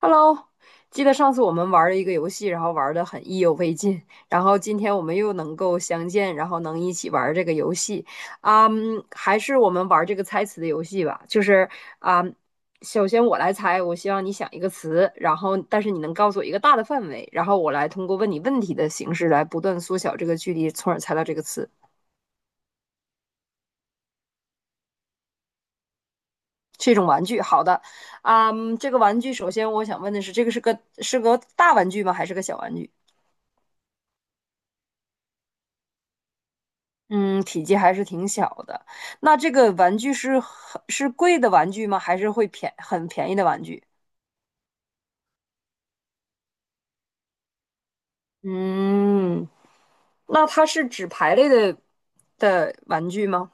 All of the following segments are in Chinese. Hello，记得上次我们玩了一个游戏，然后玩的很意犹未尽，然后今天我们又能够相见，然后能一起玩这个游戏。还是我们玩这个猜词的游戏吧。就是啊、首先我来猜，我希望你想一个词，然后但是你能告诉我一个大的范围，然后我来通过问你问题的形式来不断缩小这个距离，从而猜到这个词。是一种玩具，好的。啊、这个玩具首先我想问的是，这个是个大玩具吗？还是个小玩具？嗯，体积还是挺小的。那这个玩具是很是贵的玩具吗？还是会便很便宜的玩具？嗯，那它是纸牌类的玩具吗？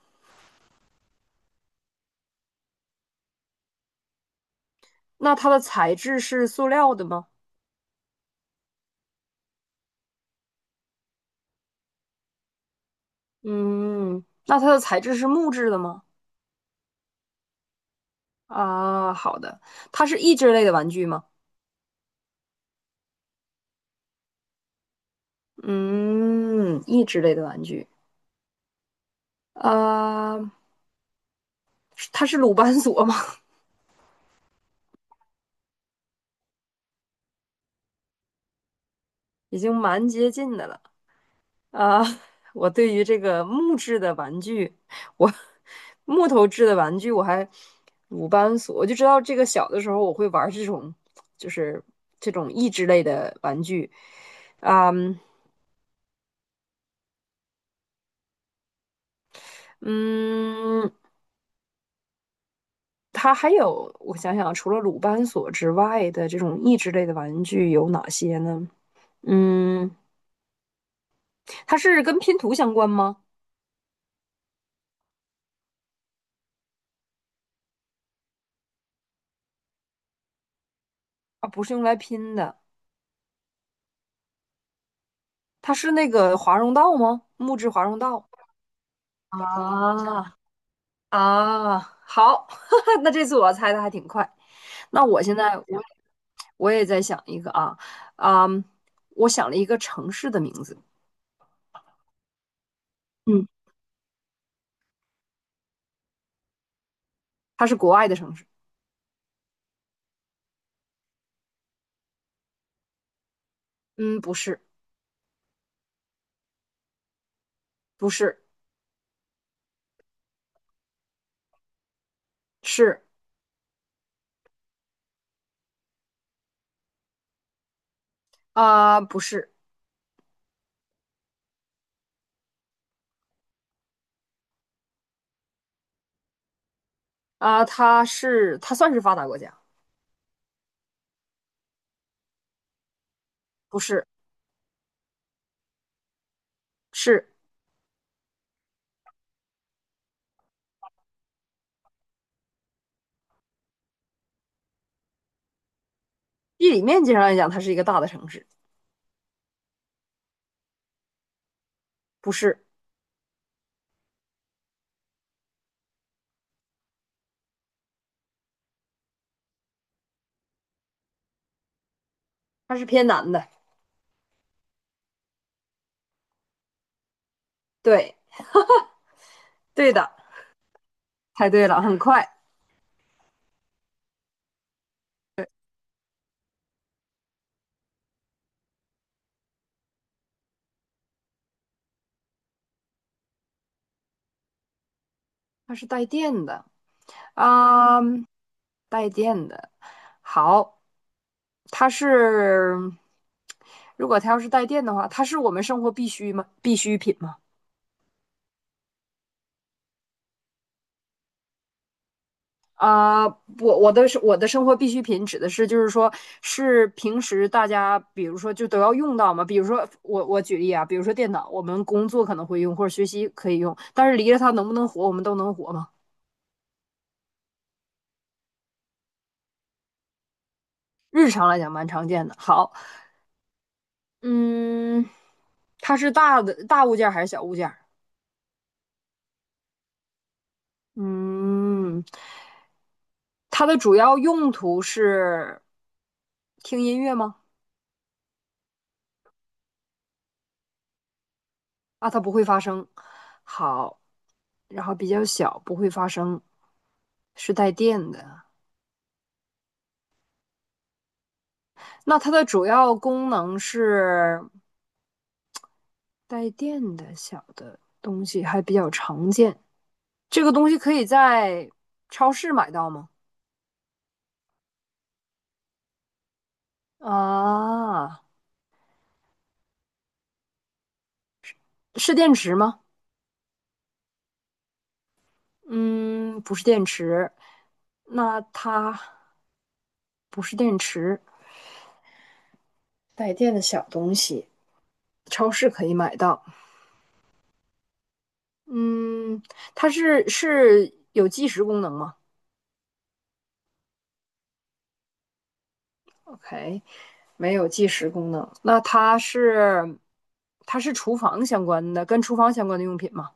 那它的材质是塑料的吗？嗯，那它的材质是木质的吗？啊，好的，它是益智类的玩具吗？嗯，益智类的玩具。啊，它是鲁班锁吗？已经蛮接近的了。啊，我对于这个木质的玩具，我木头制的玩具我还鲁班锁，我就知道这个小的时候我会玩这种，就是这种益智类的玩具。啊，嗯，它还有我想想啊，除了鲁班锁之外的这种益智类的玩具有哪些呢？嗯，它是跟拼图相关吗？啊，不是用来拼的，它是那个华容道吗？木质华容道。啊，啊，好，那这次我猜的还挺快。那我现在我也在想一个啊。啊，我想了一个城市的名字。嗯，它是国外的城市。嗯，不是。不是。是啊。不是啊。它算是发达国家。不是。是。地理面积上来讲，它是一个大的城市。不是。它是偏南的。对。对的。猜对了，很快。它是带电的。啊，带电的。好。它是，如果它要是带电的话，它是我们生活必须吗？必需品吗？啊，我的是我的生活必需品指的是就是说是平时大家比如说就都要用到嘛，比如说我举例啊，比如说电脑，我们工作可能会用或者学习可以用，但是离了它能不能活，我们都能活吗？日常来讲蛮常见的。好。嗯，它是大物件还是小物件？嗯，它的主要用途是听音乐吗？啊，它不会发声。好。然后比较小，不会发声，是带电的。那它的主要功能是带电的小的东西，还比较常见。这个东西可以在超市买到吗？啊，是电池吗？嗯，不是电池。那它不是电池。带电的小东西，超市可以买到。嗯，它是有计时功能吗？OK,没有计时功能。那它是厨房相关的，跟厨房相关的用品吗？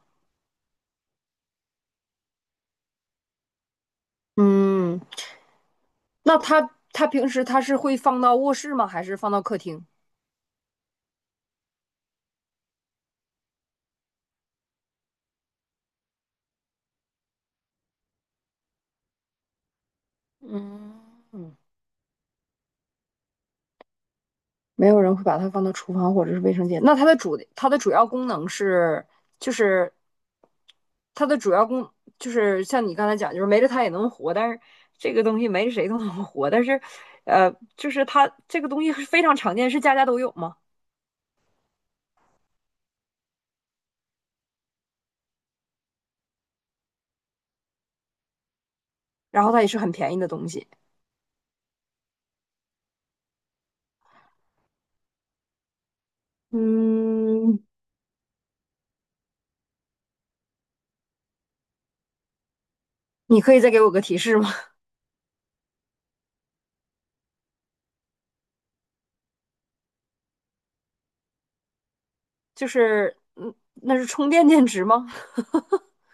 嗯，那它平时它是会放到卧室吗？还是放到客厅？嗯。嗯。没有人会把它放到厨房或者是卫生间。那它的主要功能是，就是它的主要功就是像你刚才讲，就是没了它也能活，但是这个东西没着谁都能活。但是，就是它这个东西是非常常见，是家家都有嘛。然后它也是很便宜的东西。嗯，你可以再给我个提示吗？就是那是充电电池吗？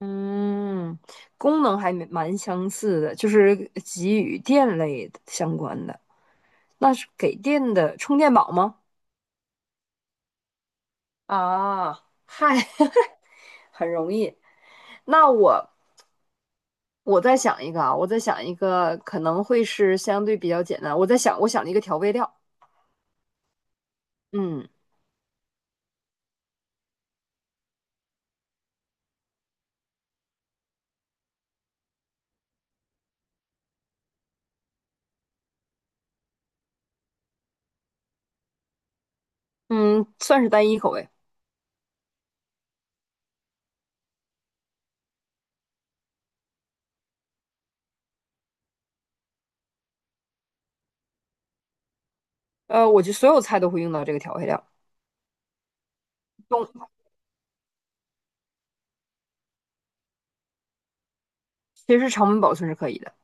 嗯，功能还蛮相似的，就是给予电类的相关的。那是给电的充电宝吗？啊，嗨。很容易。那我再想一个啊，我再想一个，可能会是相对比较简单。我在想，我想了一个调味料。嗯。嗯，算是单一口味。我觉得所有菜都会用到这个调味料。用其实常温保存是可以的。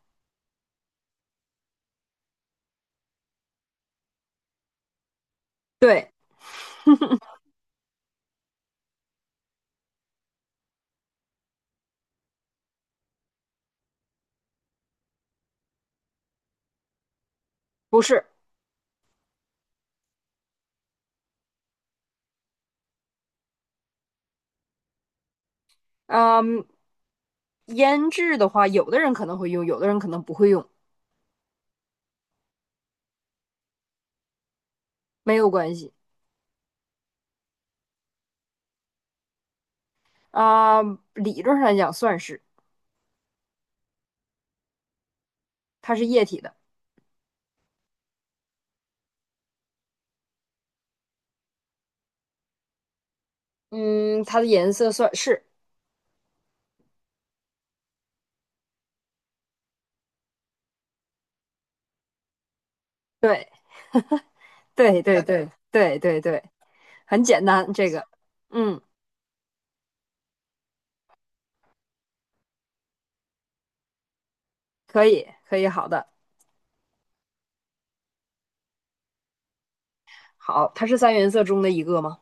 对。不是。嗯，腌制的话，有的人可能会用，有的人可能不会用。没有关系。理论上来讲，算是。它是液体的。嗯，它的颜色算是。对，对，对，对，对，对，对，很简单，这个。嗯，可以，可以，好的。好，它是三原色中的一个吗？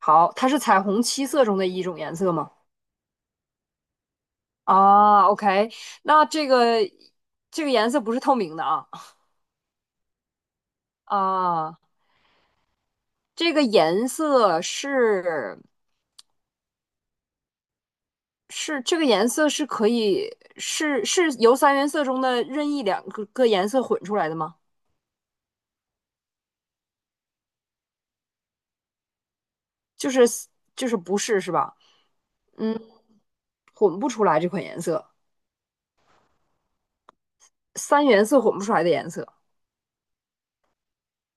好，它是彩虹七色中的一种颜色吗？啊，OK。那这个颜色不是透明的啊。啊，这个颜色是，是这个颜色是可以是是由三原色中的任意两个颜色混出来的吗？就是，不是，是吧？嗯，混不出来这款颜色，三原色混不出来的颜色。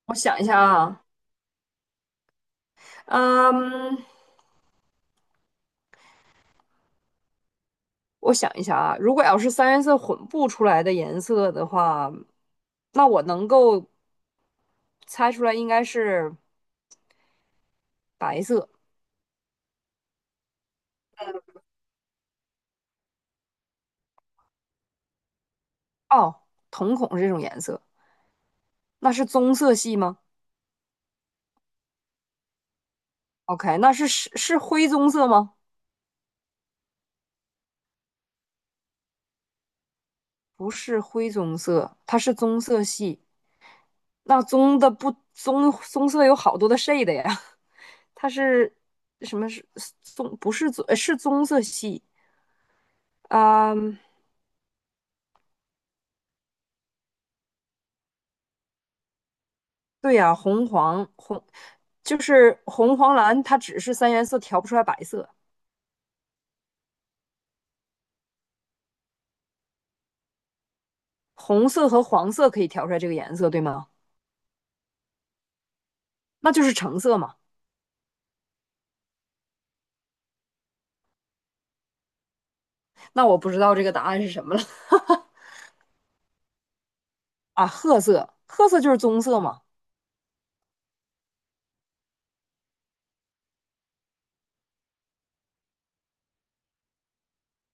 我想一下啊。嗯，我想一下啊，如果要是三原色混不出来的颜色的话，那我能够猜出来应该是白色。哦，瞳孔是这种颜色，那是棕色系吗？OK,那是灰棕色吗？不是灰棕色，它是棕色系。那棕的不棕棕色有好多的 shade 呀，它是什么是棕？不是棕，是棕色系。啊、对呀。红黄红就是红黄蓝，它只是三原色调不出来白色，红色和黄色可以调出来这个颜色，对吗？那就是橙色嘛。那我不知道这个答案是什么了。 啊，褐色，褐色就是棕色嘛。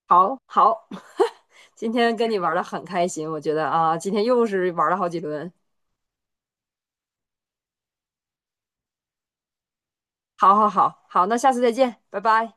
好好。今天跟你玩的很开心，我觉得啊，今天又是玩了好几轮。好好好好，那下次再见，拜拜。